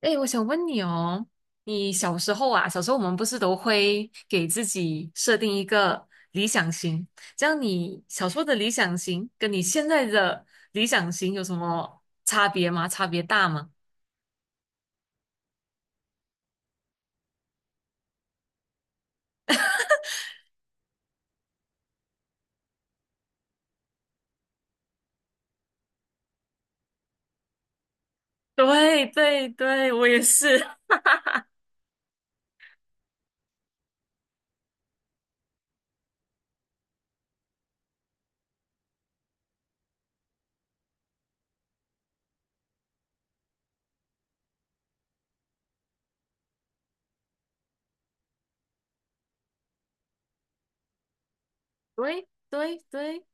哎，我想问你哦，你小时候啊，小时候我们不是都会给自己设定一个理想型，这样你小时候的理想型跟你现在的理想型有什么差别吗？差别大吗？对对对，我也是。对对对，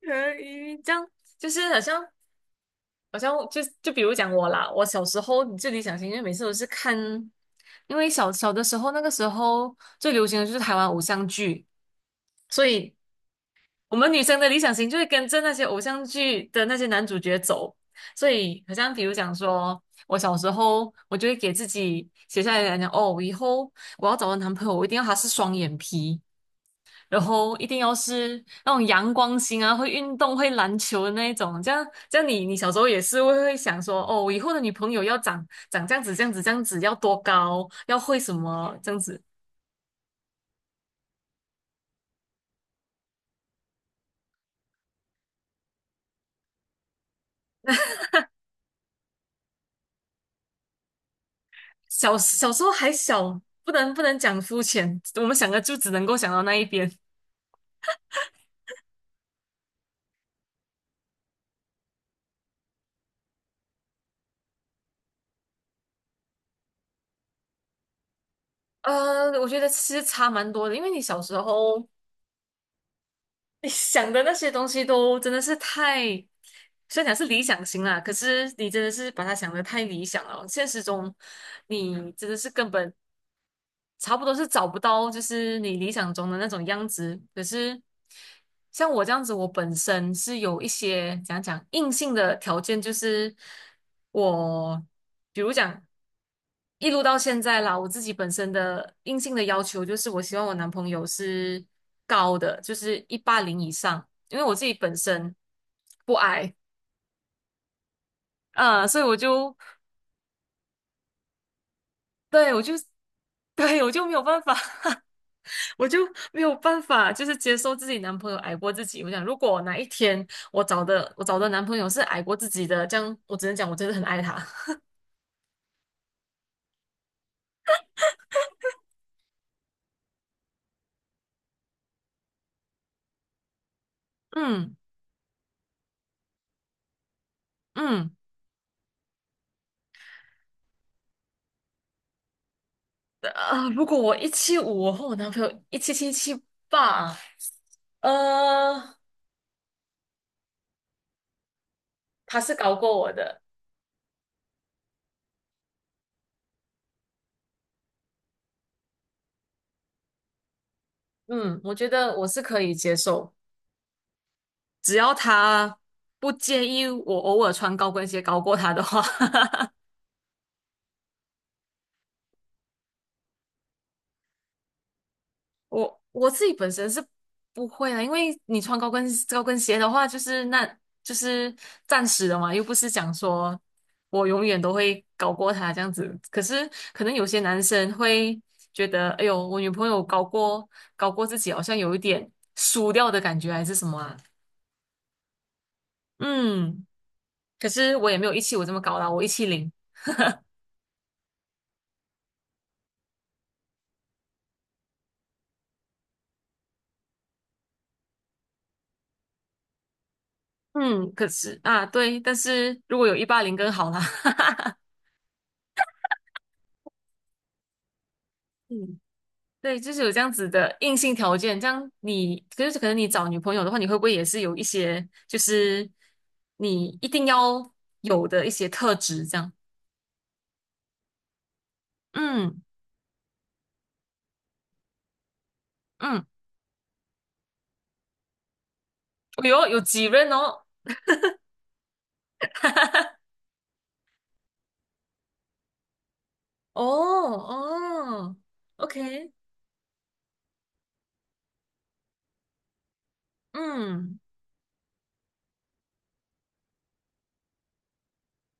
可以这样，就是好像就比如讲我啦，我小时候最理想型，因为每次都是看，因为小小的时候那个时候最流行的就是台湾偶像剧，所以我们女生的理想型就是跟着那些偶像剧的那些男主角走，所以好像比如讲说，我小时候我就会给自己写下来讲，哦，我以后我要找的男朋友，我一定要他是双眼皮，然后一定要是那种阳光型啊，会运动、会篮球的那一种。这样，这样你小时候也是会想说，哦，我以后的女朋友要长长这样子、这样子、这样子，要多高，要会什么这样子。小小时候还小，不能讲肤浅，我们想的就只能够想到那一边。呃，我觉得其实差蛮多的，因为你小时候你想的那些东西都真的是太，虽然讲是理想型啦，可是你真的是把它想的太理想了，现实中你真的是根本差不多是找不到，就是你理想中的那种样子。可是像我这样子，我本身是有一些讲硬性的条件，就是我比如讲一路到现在啦，我自己本身的硬性的要求就是，我希望我男朋友是高的，就是一八零以上，因为我自己本身不矮，啊，所以我就对我就 对我就没有办法。我就没有办法，就是接受自己男朋友矮过自己。我想，如果哪一天我找的男朋友是矮过自己的，这样我只能讲我真的很爱他。嗯嗯，啊，如果我一七五，我和我男朋友177、178，呃，他是高过我的。嗯，我觉得我是可以接受，只要他不介意我偶尔穿高跟鞋高过他的话。我我自己本身是不会啊，因为你穿高跟鞋的话，就是那就是暂时的嘛，又不是讲说我永远都会高过他这样子。可是可能有些男生会觉得，哎呦，我女朋友高过自己，好像有一点输掉的感觉，还是什么啊？嗯，可是我也没有一七五这么高啦，我170。嗯，可是啊，对，但是如果有一八零更好啦。嗯。对，就是有这样子的硬性条件，这样你就是可能你找女朋友的话，你会不会也是有一些就是你一定要有的一些特质？这样，嗯嗯，哎呦，有几任哦，哦哦，OK，嗯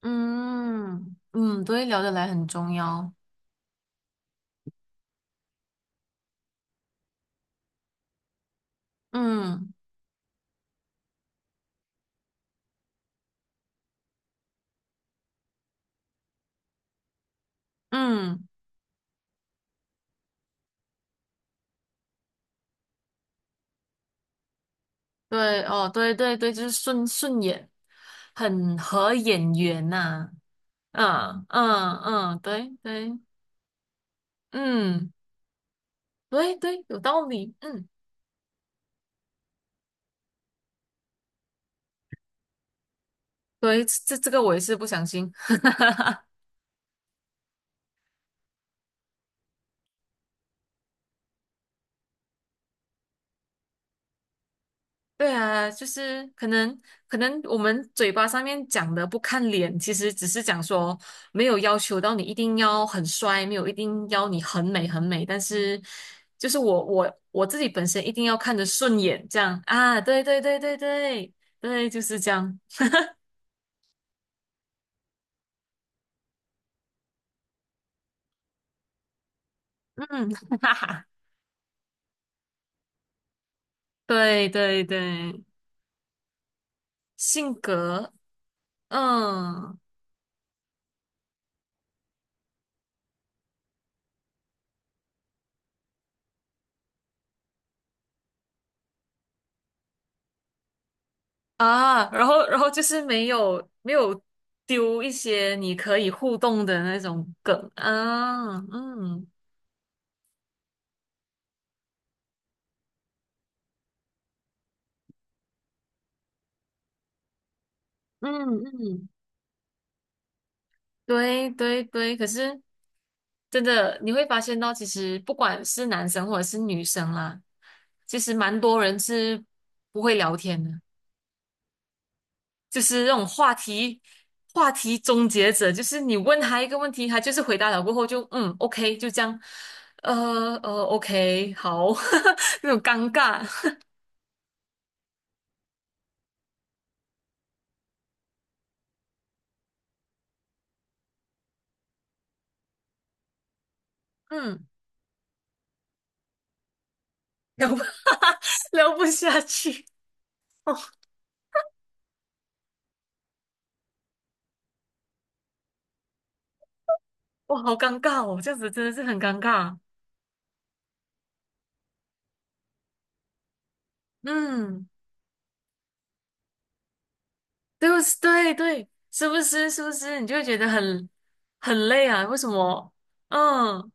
嗯嗯，对，聊得来很重要，嗯嗯，对哦，对对对，就是顺顺眼，很合眼缘呐、嗯嗯嗯，对对。嗯，对对，有道理，嗯，对，这这个我也是不相信。对啊，就是可能可能我们嘴巴上面讲的不看脸，其实只是讲说没有要求到你一定要很帅，没有一定要你很美很美，但是就是我自己本身一定要看着顺眼，这样啊，对对对对对对，就是这样，嗯，哈哈哈，对对对，性格，嗯。啊，然后就是没有丢一些你可以互动的那种梗啊，嗯嗯嗯，对对对，可是真的你会发现到，其实不管是男生或者是女生啦，其实蛮多人是不会聊天的，就是那种话题终结者，就是你问他一个问题，他就是回答了过后就嗯 OK 就这样，呃OK 好，那种尴尬，嗯。聊不 聊不下去哦，我好尴尬哦，这样子真的是很尴尬。嗯，对不是对对，是不是？是不是？你就会觉得很很累啊？为什么？嗯，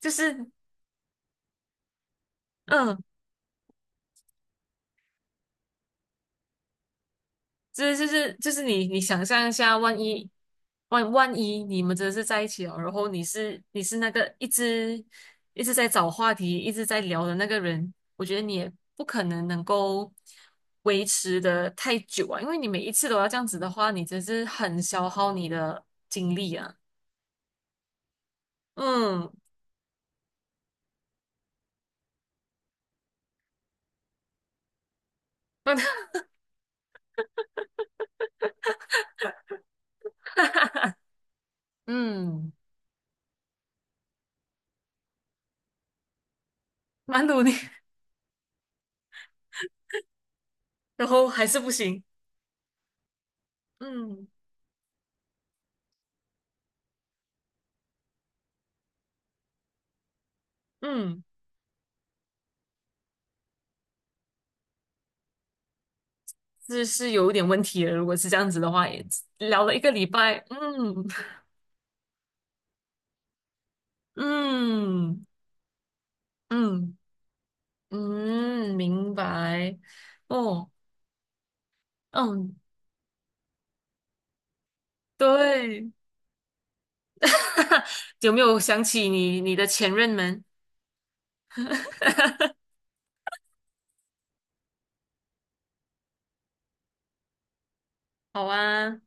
就是嗯，这就是你想象一下，万一你们真的是在一起了，然后你是那个一直在找话题、一直在聊的那个人，我觉得你也不可能能够维持的太久啊，因为你每一次都要这样子的话，你真是很消耗你的精力啊。嗯，嗯，蛮努力，然后还是不行。嗯嗯，这是有一点问题了。如果是这样子的话，也聊了一个礼拜，嗯。嗯嗯嗯，明白。哦，嗯，对，有没有想起你你的前任们？好啊，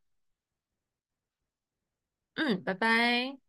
嗯，拜拜。